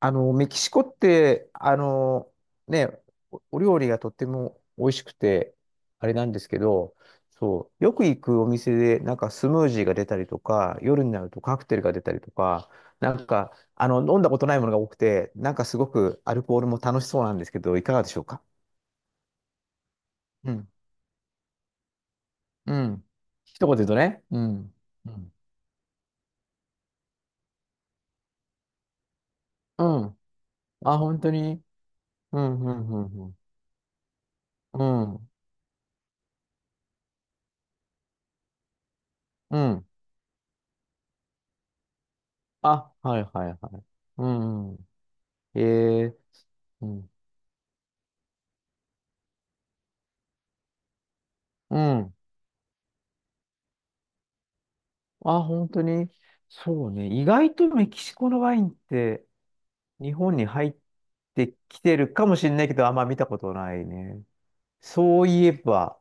メキシコって、ね、お料理がとっても美味しくて、あれなんですけど、そう、よく行くお店で、なんかスムージーが出たりとか、夜になるとカクテルが出たりとか、なんか、飲んだことないものが多くて、なんかすごくアルコールも楽しそうなんですけど、いかがでしょうか？うん。うん。一言で言うとね。うん。うん。うん。あ、本当に。うん、うん、うん、うん。うん。うん。あ、はい、はい、はい。うん。えーうん。うん。あ、本当に。そうね。意外とメキシコのワインって日本に入ってきてるかもしれないけど、あんま見たことないね。そういえば、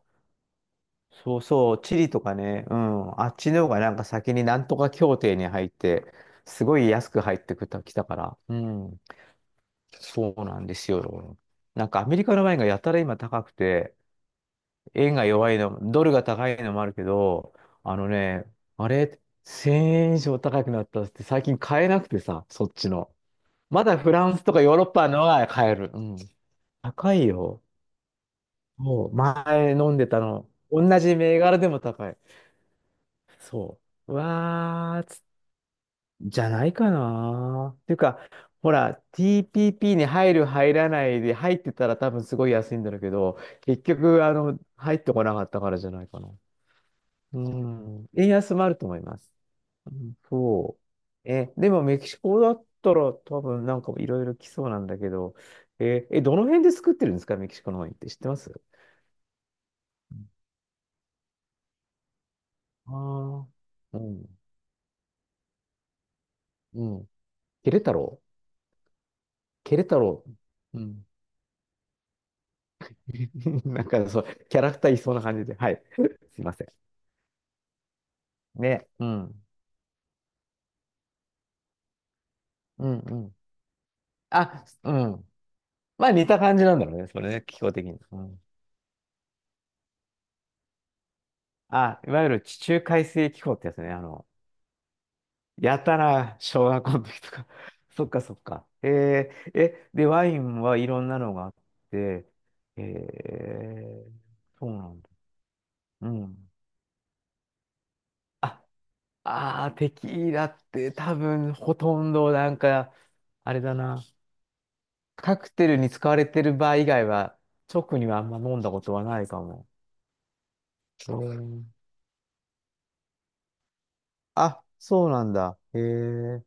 そうそう、チリとかね、うん。あっちの方がなんか先になんとか協定に入って、すごい安く入ってきた、きたから。うん。そうなんですよ。なんかアメリカのワインがやたら今高くて、円が弱いの、ドルが高いのもあるけど、あのね、あれ、1000円以上高くなったっつって最近買えなくてさ、そっちの。まだフランスとかヨーロッパのが買える。うん。高いよ。もう前飲んでたの。同じ銘柄でも高い。そう。うわーつ、じゃないかな。っていうか、ほら、TPP に入る入らないで入ってたら多分すごい安いんだろうけど、結局、入ってこなかったからじゃないかな。うん。円安もあると思います。うん、そう。え、でもメキシコだったら多分なんかいろいろ来そうなんだけど、どの辺で作ってるんですか？メキシコのワインって知ってます？ああー、うん、うん。ケレタロウケレタロウうん。なんかそう、キャラクターいそうな感じで。はい。すいません。ね。うん。うん、うん。あ、うん。まあ似た感じなんだろうね。それね、気候的に。うん。あ、いわゆる地中海性気候ってやつね。やたら小学校の時とか。そっかそっか。で、ワインはいろんなのがあって、えー、そうなんだ。うん。あ、あー、テキーラって多分ほとんどなんか、あれだな。カクテルに使われてる場合以外は、直にはあんま飲んだことはないかも。うん。あ、そうなんだ。へえ。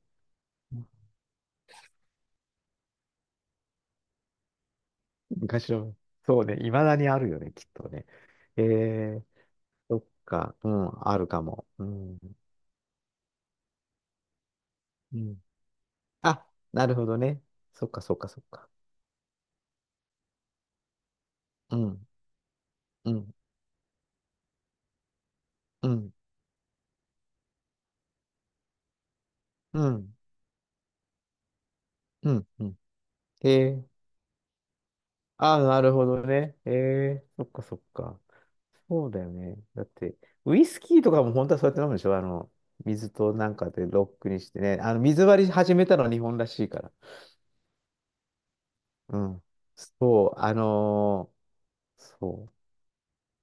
昔の。そうね、いまだにあるよね、きっとね。へえ。そっか。うん、あるかも。うん。うん。あ、なるほどね。そっか、そっか、そっか。うん、うん、うん、うん、うん、うん。へ、え。あ、なるほどね。へえ。そっか、そっか。そうだよね。だって、ウイスキーとかも本当はそうやって飲むでしょ？水となんかでロックにしてね。水割り始めたのは日本らしいから。うん。そう、ーそう、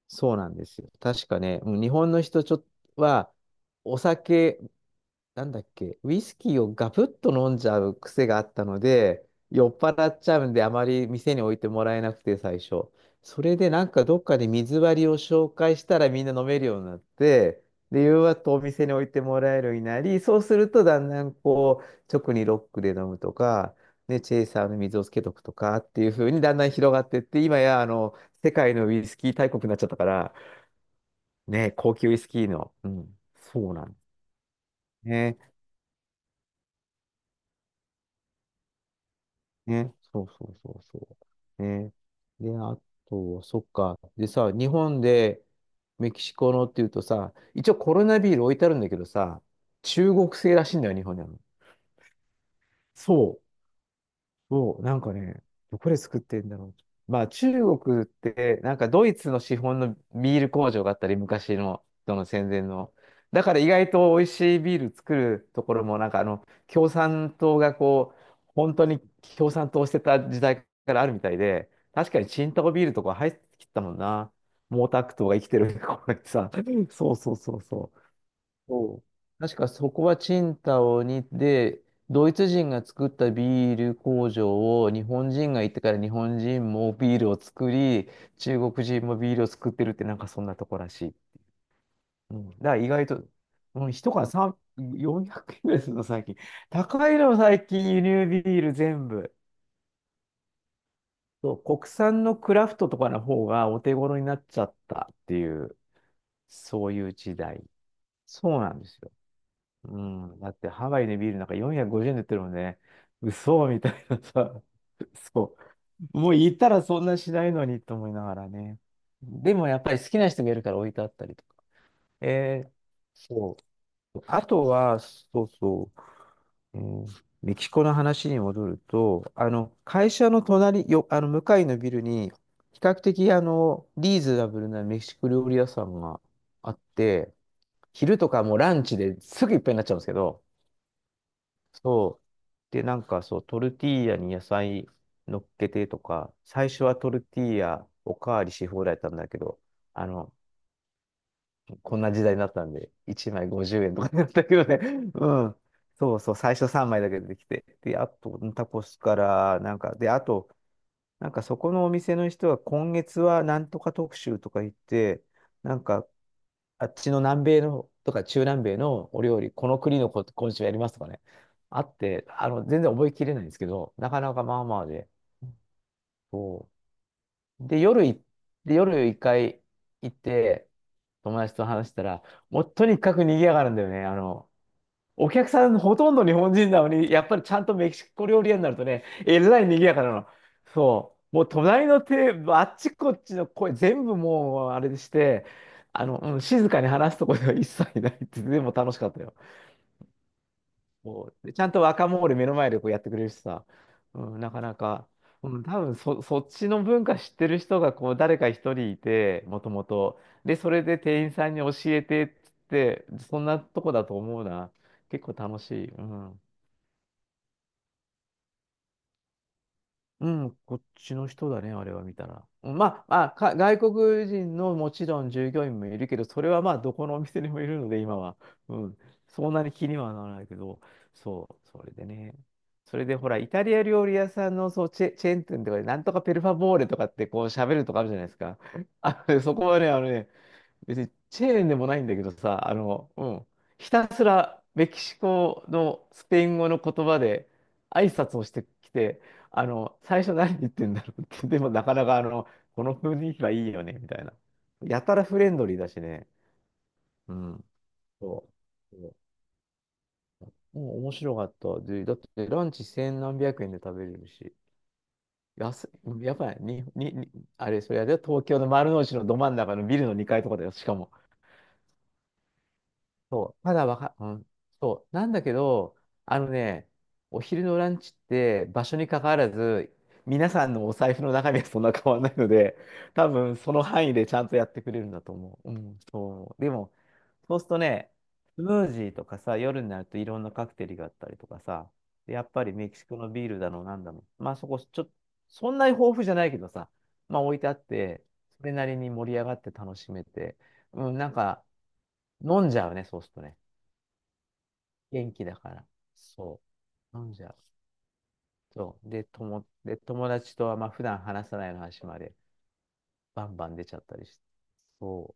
そうなんですよ。確かね、うん、日本の人ちょっとは、お酒なんだっけ、ウイスキーをガブッと飲んじゃう癖があったので、酔っ払っちゃうんで、あまり店に置いてもらえなくて、最初。それで、なんかどっかで水割りを紹介したらみんな飲めるようになって、で、夕方お店に置いてもらえるようになり、そうするとだんだんこう、直にロックで飲むとか、ね、チェイサーの水をつけとくとかっていう風にだんだん広がってって、今や、世界のウイスキー大国になっちゃったから、ね、高級ウイスキーの、うん、そうなんですね。ね。そうそうそうそう。ね。で、あと、そっか。でさ、日本でメキシコのっていうとさ、一応コロナビール置いてあるんだけどさ、中国製らしいんだよ、日本にあるの。そう。そう、なんかね、どこで作ってんだろう。まあ中国って、なんかドイツの資本のビール工場があったり、昔の、その戦前の。だから意外と美味しいビール作るところも、なんか共産党がこう、本当に共産党してた時代からあるみたいで、確かにチンタオビールとか入ってきたもんな。毛沢東が生きてる頃にさ。そうそうそうそう。そう、確かそこはチンタオにで、ドイツ人が作ったビール工場を日本人が行ってから日本人もビールを作り、中国人もビールを作ってるってなんかそんなとこらしい。うん、だから意外と、うん、一缶3、400円ぐらいするの最近。高いの最近輸入ビール全部。そう、国産のクラフトとかの方がお手頃になっちゃったっていう、そういう時代。そうなんですよ。うん。だってハワイでビールなんか450円で売ってるもんね。嘘みたいなさ。そう。もう行ったらそんなしないのにと思いながらね。でもやっぱり好きな人がいるから置いてあったりとか。えー、そう。あとは、そうそう、メキシコの話に戻ると、会社の隣、よ、向かいのビルに、比較的、リーズナブルなメキシコ料理屋さんがあって、昼とかもうランチですぐいっぱいになっちゃうんですけど、そう。で、なんかそう、トルティーヤに野菜乗っけてとか、最初はトルティーヤおかわりし放題だったんだけど、あの、こんな時代になったんで、1枚50円とかになったけどね。うん。そうそう、最初3枚だけ出てきて。で、あと、タコスから、なんか、で、あと、なんかそこのお店の人は今月はなんとか特集とか言って、なんかあっちの南米のとか中南米のお料理、この国のこ今週やりますとかね、あって、全然覚えきれないんですけど、なかなかまあまあで、そう。で、夜い、で、夜一回行って、友達と話したら、もうとにかく賑やがるんだよね、お客さんほとんど日本人なのに、やっぱりちゃんとメキシコ料理屋になるとね、えらい賑やかなの。そう。もう隣のテーブル、あっちこっちの声全部もうあれでして、うん、静かに話すとこでは一切ないって、でも楽しかったよ。もうでちゃんと若者で目の前でこうやってくれるしさ、うん、なかなか、うん、多分そっちの文化知ってる人がこう誰か一人いて、もともと。で、それで店員さんに教えてっつって、そんなとこだと思うな。結構楽しい。うん。うん、こっちの人だね、あれは見たら。うんまあ、まあ、外国人のもちろん従業員もいるけど、それはまあ、どこのお店にもいるので、今は。うん。そんなに気にはならないけど、そう、それでね。それでほら、イタリア料理屋さんのそうチェーン店とかで、なんとかペルファボーレとかってこう喋るとかあるじゃないですか。そこはね、別にチェーンでもないんだけどさ、ひたすらメキシコのスペイン語の言葉で挨拶をしてきて、最初何言ってんだろうって、でもなかなかこの雰囲気はいいよね、みたいな。やたらフレンドリーだしね。うん。そう。そうもう面白かった。で、だってランチ千何百円で食べれるし。安い、やばい。に、に、に、あれ、それあれだよ、東京の丸の内のど真ん中のビルの2階とかだよ、しかも。そう、まだわか、うん、そう、なんだけど、あのね、お昼のランチって場所に関わらず、皆さんのお財布の中身はそんな変わらないので、多分その範囲でちゃんとやってくれるんだと思う。うん、そう。でも、そうするとね、スムージーとかさ、夜になるといろんなカクテルがあったりとかさ、でやっぱりメキシコのビールだの、なんだの。まあそこ、ちょっと、そんなに豊富じゃないけどさ、まあ置いてあって、それなりに盛り上がって楽しめて、うん、なんか飲んじゃうね、そうするとね。元気だから。そう。なんじゃ。そう。で、友達とは、まあ、普段話さないような話まで、バンバン出ちゃったりして。そう。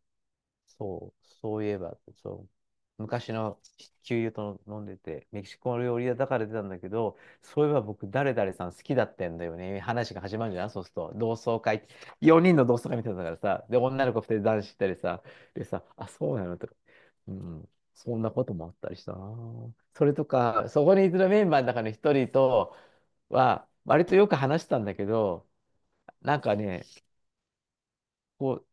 そう、そういえば、そう、昔の旧友と飲んでて、メキシコ料理屋だから出たんだけど、そういえば僕、誰々さん好きだったんだよね。話が始まるじゃん、そうすると。同窓会、4人の同窓会見てたんだからさ、で、女の子2人男子行ったりさ、でさ、あ、そうなのとか、うん、そんなこともあったりしたな。それとか、そこにいるメンバーの中の一人とは、割とよく話したんだけど、なんかね、こ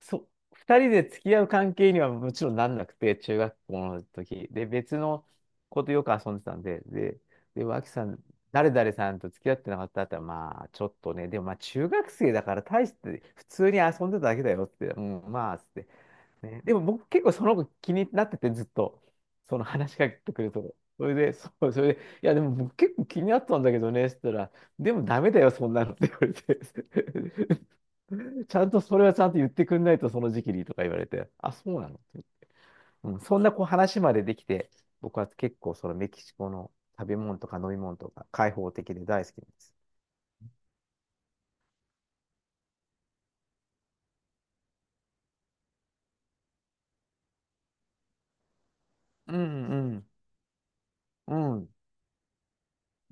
そう、二人で付き合う関係にはもちろんなんなくて、中学校の時。で、別の子とよく遊んでたんで、で、脇さん、誰々さんと付き合ってなかったって言ったら、まあ、ちょっとね、でもまあ、中学生だから大して、普通に遊んでただけだよって、うん、まあ、つって。ね、でも僕結構その子気になってて、ずっと、その話しかけてくると。それで、そう、それで、いや、でも僕結構気になったんだけどね、って言ったら、でもダメだよ、そんなのって言われて。ちゃんとそれはちゃんと言ってくんないとその時期にとか言われて、あ、そうなの、うん、そんなこう話までできて、僕は結構そのメキシコの食べ物とか飲み物とか開放的で大好きです。うんうん。うん。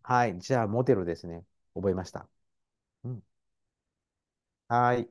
はい。じゃあ、モテロですね。覚えました。うん。はい。